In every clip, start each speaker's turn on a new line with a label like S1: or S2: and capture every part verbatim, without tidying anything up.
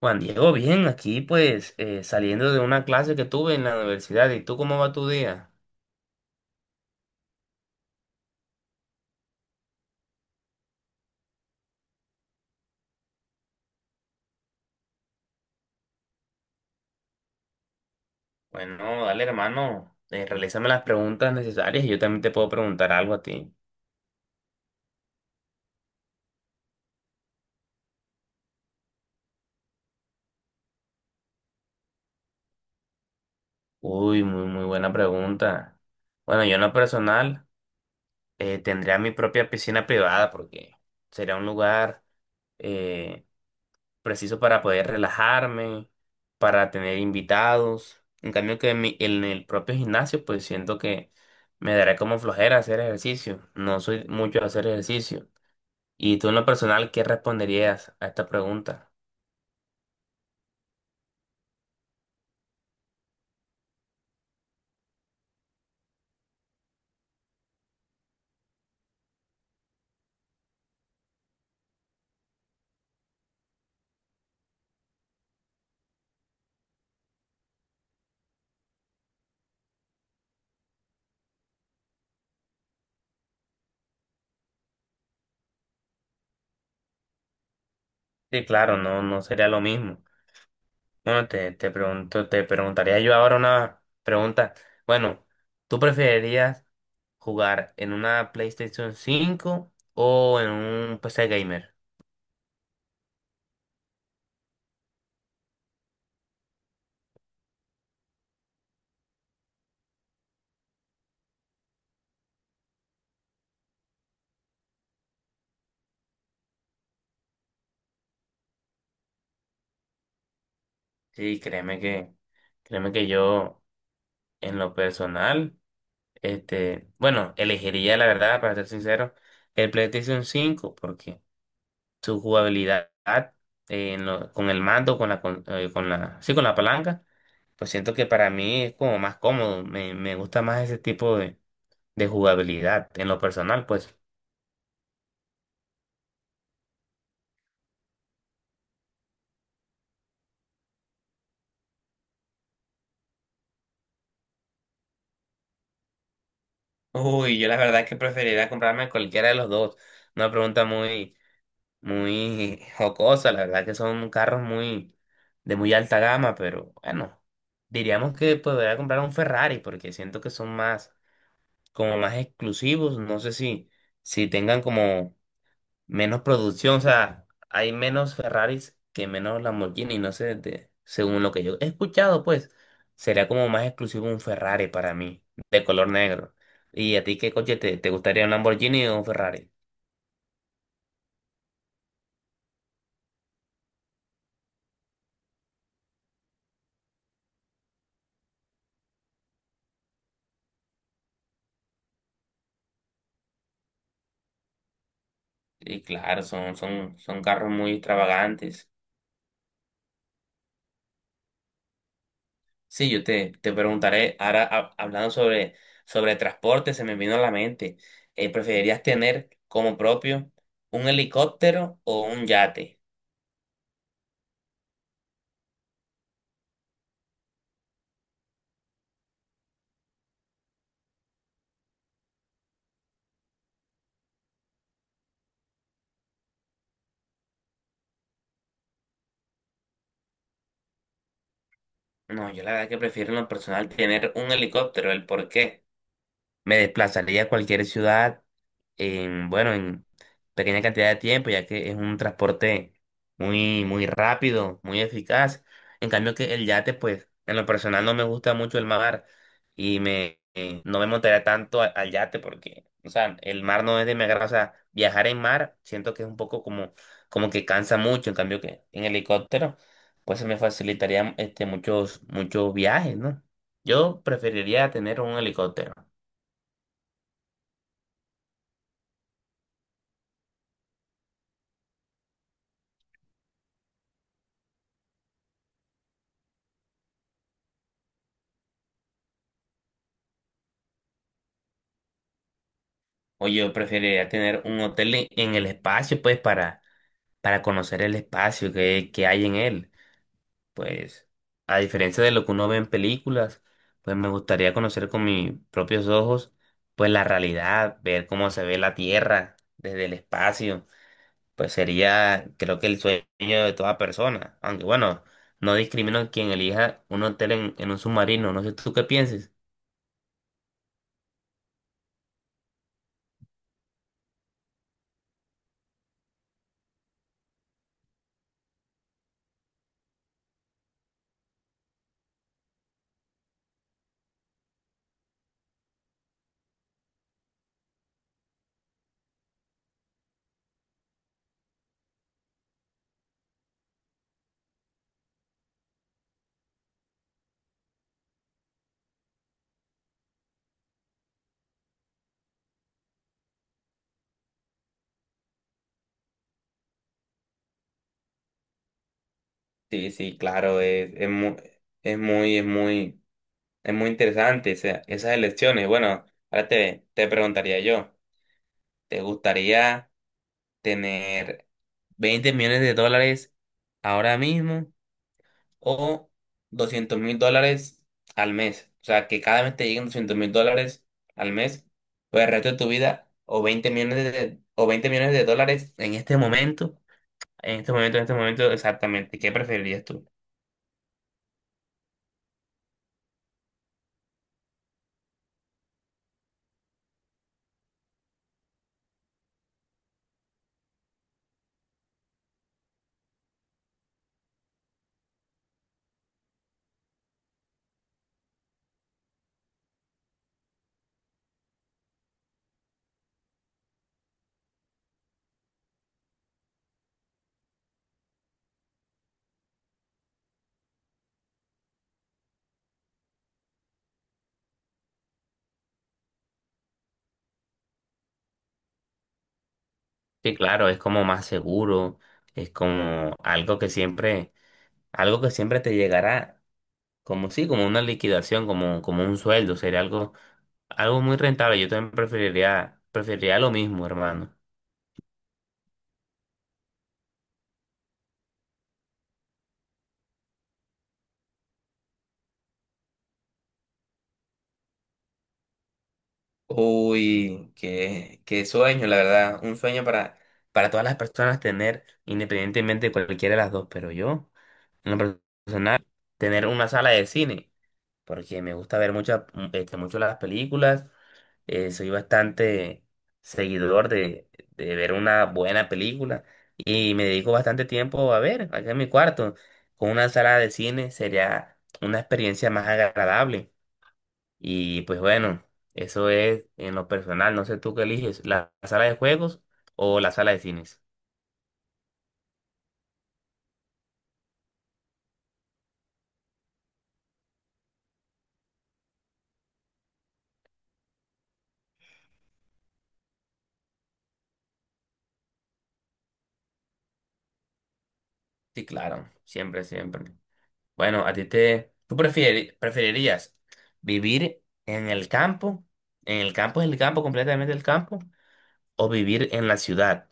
S1: Juan Diego, bien, aquí pues eh, saliendo de una clase que tuve en la universidad. ¿Y tú cómo va tu día? Bueno, dale hermano, eh, realízame las preguntas necesarias y yo también te puedo preguntar algo a ti. Uy, muy, muy buena pregunta. Bueno, yo en lo personal eh, tendría mi propia piscina privada porque sería un lugar, eh, preciso para poder relajarme, para tener invitados. En cambio que en, mi- en el propio gimnasio, pues siento que me dará como flojera hacer ejercicio. No soy mucho de hacer ejercicio. Y tú en lo personal, ¿qué responderías a esta pregunta? Sí, claro, no, no sería lo mismo. Bueno, te, te pregunto, te preguntaría yo ahora una pregunta. Bueno, ¿tú preferirías jugar en una PlayStation cinco o en un P C gamer? Sí, créeme que, créeme que yo. En lo personal, este, bueno, elegiría la verdad, para ser sincero, el PlayStation cinco porque su jugabilidad eh, en lo- con el mando, con la, con, eh, con la, sí, con la palanca, pues siento que para mí es como más cómodo, me, me gusta más ese tipo de, de jugabilidad en lo personal, pues. Uy, yo la verdad es que preferiría comprarme cualquiera de los dos. Una pregunta muy, muy jocosa, la verdad que son carros muy de muy alta gama, pero bueno, diríamos que podría comprar un Ferrari porque siento que son más como más exclusivos, no sé si si tengan como menos producción, o sea, hay menos Ferraris que menos Lamborghini, no sé, de- según lo que yo he escuchado, pues sería como más exclusivo un Ferrari para mí, de color negro. ¿Y a ti qué coche te, te gustaría, un Lamborghini o un Ferrari? Y claro, son, son, son carros muy extravagantes. Sí, yo te, te preguntaré, ahora hab- hablando sobre, sobre transporte, se me vino a la mente, eh, ¿preferirías tener como propio un helicóptero o un yate? No, yo la verdad que prefiero en lo personal tener un helicóptero. ¿El por qué? Me desplazaría a cualquier ciudad en, bueno, en pequeña cantidad de tiempo, ya que es un transporte muy, muy rápido, muy eficaz. En cambio que el yate, pues, en lo personal no me gusta mucho el mar y me, eh, no me montaría tanto a- al yate porque, o sea, el mar no es de mi agrado. O sea, viajar en mar siento que es un poco como, como que cansa mucho. En cambio que en helicóptero, pues se me facilitaría este, muchos, muchos viajes, ¿no? Yo preferiría tener un helicóptero. O yo preferiría tener un hotel en en el espacio, pues, para, para conocer el espacio que, que hay en él. Pues, a diferencia de lo que uno ve en películas, pues me gustaría conocer con mis propios ojos, pues, la realidad, ver cómo se ve la Tierra desde el espacio. Pues sería, creo que el sueño de toda persona. Aunque bueno, no discrimino a quien elija un hotel en, en un submarino. No sé tú qué pienses. Sí, sí, claro, es, es muy, es muy, es muy. Es muy interesante esa- esas elecciones. Bueno, ahora te, te preguntaría yo, ¿te gustaría tener veinte millones de dólares ahora mismo o doscientos mil dólares al mes? O sea, que cada vez te lleguen doscientos mil dólares al mes por el resto de tu vida o veinte millones de, o veinte millones de dólares en este momento, en este momento, en este momento exactamente. ¿Qué preferirías tú? Sí, claro, es como más seguro, es como algo que siempre algo que siempre te llegará como sí, como una liquidación, como, como un sueldo, sería algo, algo muy rentable. Yo también preferiría, preferiría lo mismo, hermano. Uy, qué, qué sueño, la verdad. Un sueño para, para todas las personas tener, independientemente de cualquiera de las dos, pero yo, en lo personal, tener una sala de cine, porque me gusta ver muchas, este, mucho las películas. Eh, soy bastante seguidor de, de ver una buena película y me dedico bastante tiempo a ver acá en mi cuarto. Con una sala de cine sería una experiencia más agradable. Y pues bueno, eso es en lo personal. No sé tú qué eliges, la sala de juegos o la sala de cines. Sí, claro, siempre, siempre. Bueno, a ti te... ¿Tú prefieri- preferirías vivir en el campo? ¿En el campo, en el campo, completamente el campo? ¿O vivir en la ciudad?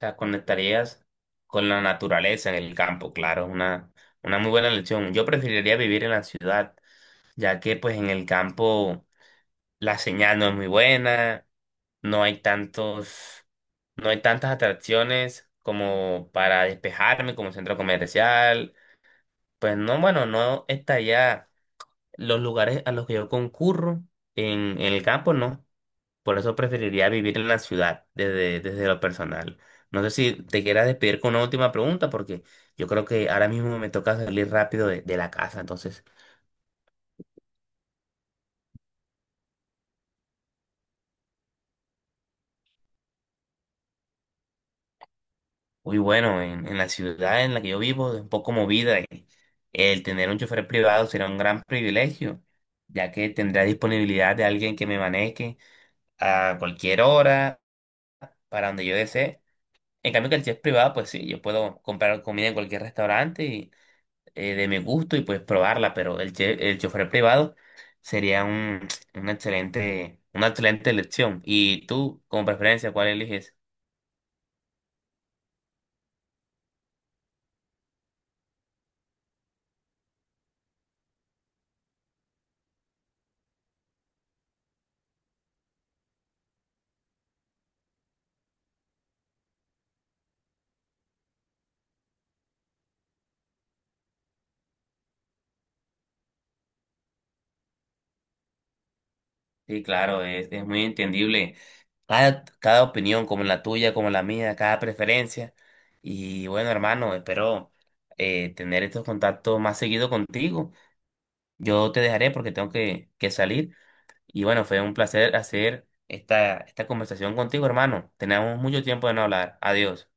S1: Sea, conectarías con la naturaleza en el campo, claro, es una, una muy buena lección. Yo preferiría vivir en la ciudad, ya que pues en el campo la señal no es muy buena, no hay tantos, no hay tantas atracciones como para despejarme como centro comercial. Pues no, bueno, no estaría los lugares a los que yo concurro en, en el campo, no. Por eso preferiría vivir en la ciudad desde, desde lo personal. No sé si te quieras despedir con una última pregunta, porque yo creo que ahora mismo me toca salir rápido de, de la casa. Entonces, muy bueno, en, en la ciudad en la que yo vivo es un poco movida y el tener un chofer privado será un gran privilegio, ya que tendrá disponibilidad de alguien que me maneje a cualquier hora, para donde yo desee. En cambio que el chef privado, pues sí, yo puedo comprar comida en cualquier restaurante eh, de mi gusto y pues probarla, pero el, che- el chofer privado sería un, una excelente, una excelente elección. ¿Y tú, como preferencia, cuál eliges? Sí, claro, es, es muy entendible cada, cada opinión, como la tuya, como la mía, cada preferencia. Y bueno, hermano, espero eh, tener estos contactos más seguido contigo. Yo te dejaré porque tengo que, que salir. Y bueno, fue un placer hacer esta, esta conversación contigo, hermano. Tenemos mucho tiempo de no hablar. Adiós.